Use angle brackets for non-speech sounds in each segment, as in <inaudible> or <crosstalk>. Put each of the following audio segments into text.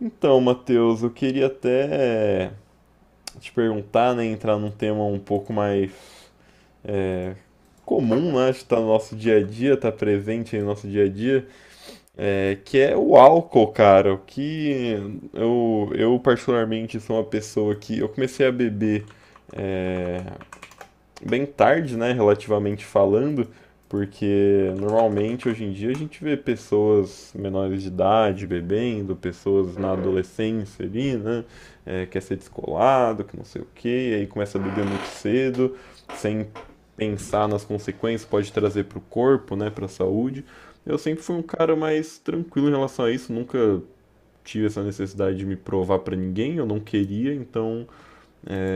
Então, Matheus, eu queria até te perguntar, né, entrar num tema um pouco mais é, comum, né, que estar no nosso dia a dia, tá presente aí no nosso dia a dia, que é o álcool, cara. O que eu particularmente sou uma pessoa que eu comecei a beber é, bem tarde, né, relativamente falando, porque normalmente hoje em dia a gente vê pessoas menores de idade bebendo, pessoas na adolescência ali, né, quer ser descolado, que não sei o quê, aí começa a beber muito cedo, sem pensar nas consequências, pode trazer para o corpo, né, para a saúde. Eu sempre fui um cara mais tranquilo em relação a isso, nunca tive essa necessidade de me provar para ninguém, eu não queria, então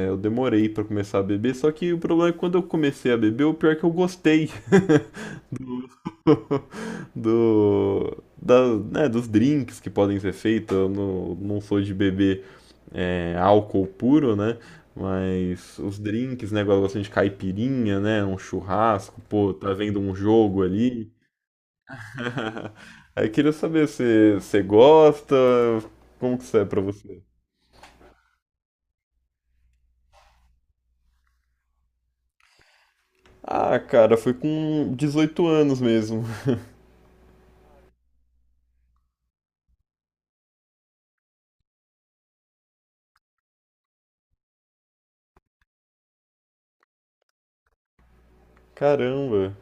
eu demorei pra começar a beber, só que o problema é que quando eu comecei a beber, o pior é que eu gostei. <laughs> Né, dos drinks que podem ser feitos. Eu não sou de beber álcool puro, né? Mas os drinks, né? Igual eu gosto de caipirinha, né? Um churrasco, pô, tá vendo um jogo ali. <laughs> Aí eu queria saber se você gosta, como que isso é pra você? Ah, cara, foi com 18 anos mesmo. <laughs> Caramba.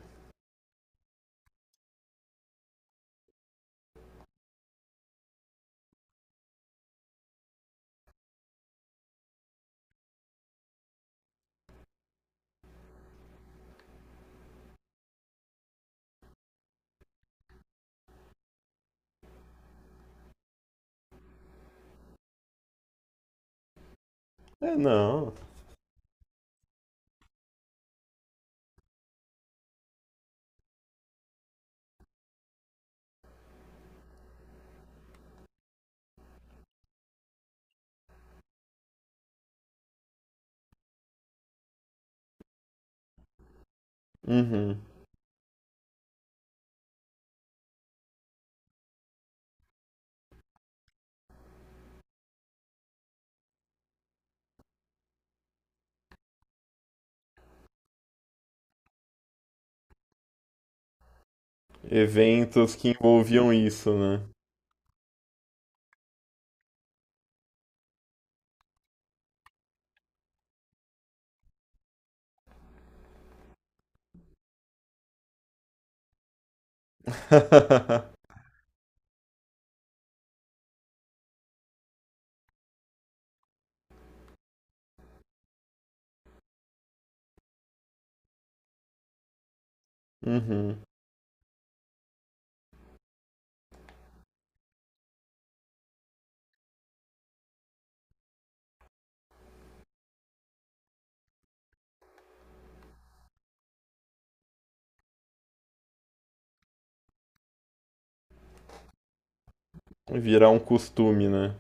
É, não. Uhum. Eventos que envolviam isso, né? <laughs> Uhum. Virar um costume, né?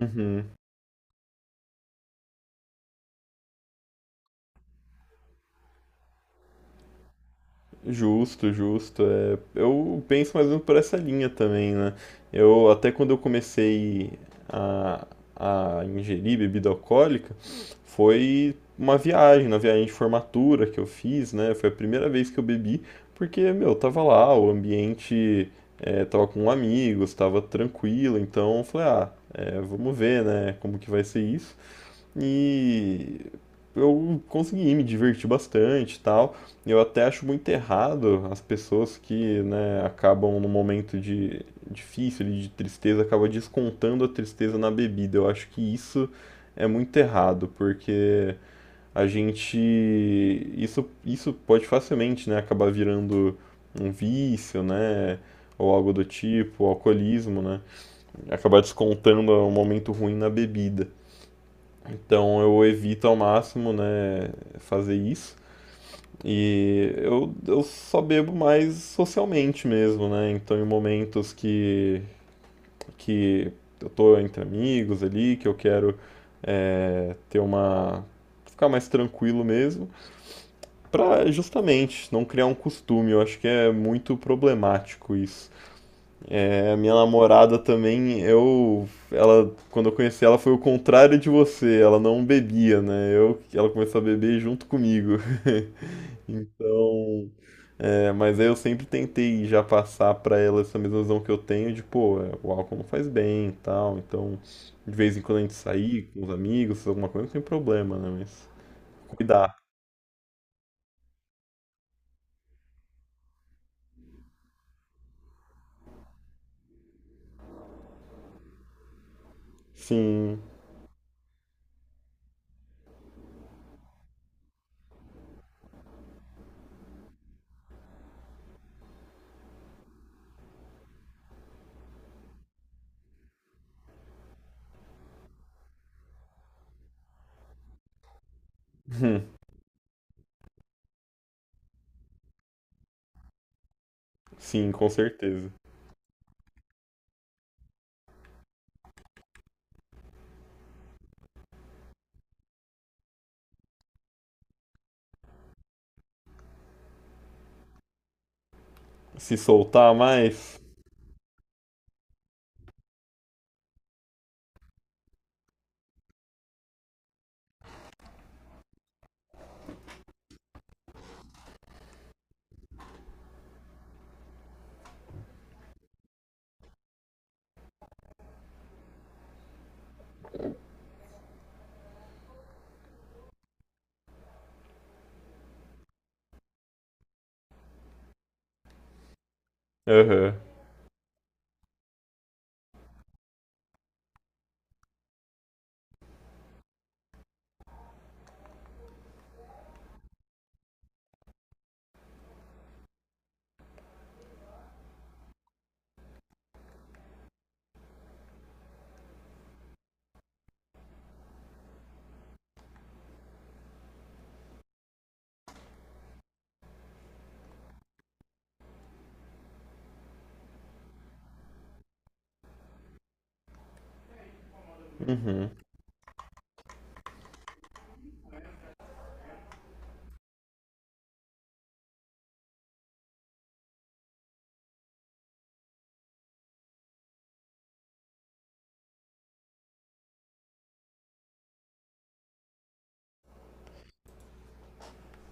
Uhum. Justo, justo. É, eu penso mais ou menos por essa linha também, né? Eu até quando eu comecei a, a ingerir bebida alcoólica, foi uma viagem, na viagem de formatura que eu fiz, né? Foi a primeira vez que eu bebi, porque, meu, eu tava lá, o ambiente tava com amigos, tava tranquilo, então eu falei, ah, é, vamos ver, né, como que vai ser isso. E eu consegui me divertir bastante e tal. Eu até acho muito errado as pessoas que, né, acabam num momento de difícil, de tristeza, acabam descontando a tristeza na bebida. Eu acho que isso é muito errado, porque a gente isso pode facilmente, né, acabar virando um vício, né? Ou algo do tipo, alcoolismo, né? Acabar descontando um momento ruim na bebida. Então eu evito ao máximo, né, fazer isso. E eu só bebo mais socialmente mesmo, né? Então em momentos que eu tô entre amigos ali, que eu quero ter uma. Ficar mais tranquilo mesmo, pra justamente não criar um costume. Eu acho que é muito problemático isso. É, a minha namorada também, ela, quando eu conheci ela foi o contrário de você, ela não bebia, né? Ela começou a beber junto comigo. <laughs> Então, mas aí eu sempre tentei já passar pra ela essa mesma visão que eu tenho de, pô, o álcool não faz bem e tal. Então, de vez em quando a gente sair com os amigos, fazer alguma coisa, não tem problema, né? Mas cuidar. Sim, <laughs> sim, com certeza. Se soltar mais? Aham.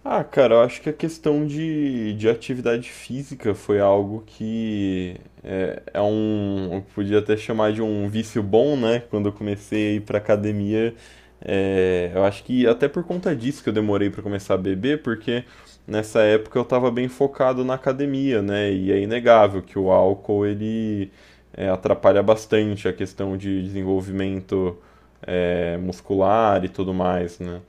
Ah, cara, eu acho que a questão de atividade física foi algo que é um, eu podia até chamar de um vício bom, né? Quando eu comecei a ir pra academia, eu acho que até por conta disso que eu demorei pra começar a beber, porque nessa época eu tava bem focado na academia, né? E é inegável que o álcool ele atrapalha bastante a questão de desenvolvimento muscular e tudo mais, né?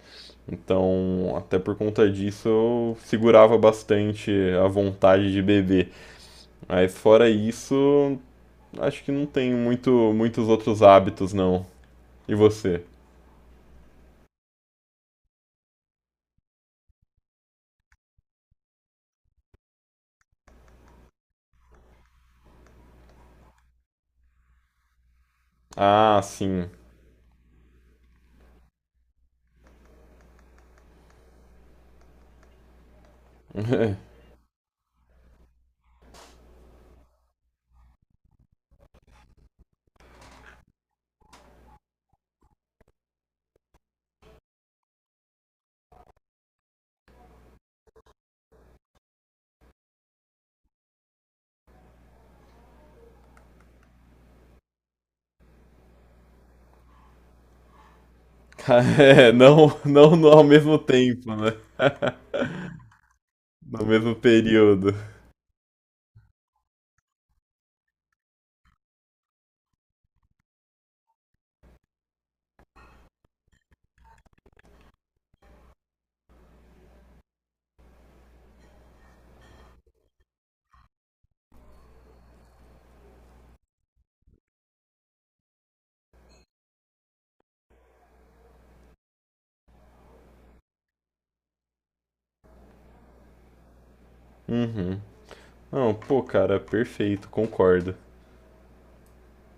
Então, até por conta disso, eu segurava bastante a vontade de beber. Mas fora isso, acho que não tem muitos outros hábitos, não. E você? Ah, sim. <laughs> É, não, ao mesmo tempo, né? No mesmo período. Uhum. Não, pô, cara, perfeito, concordo.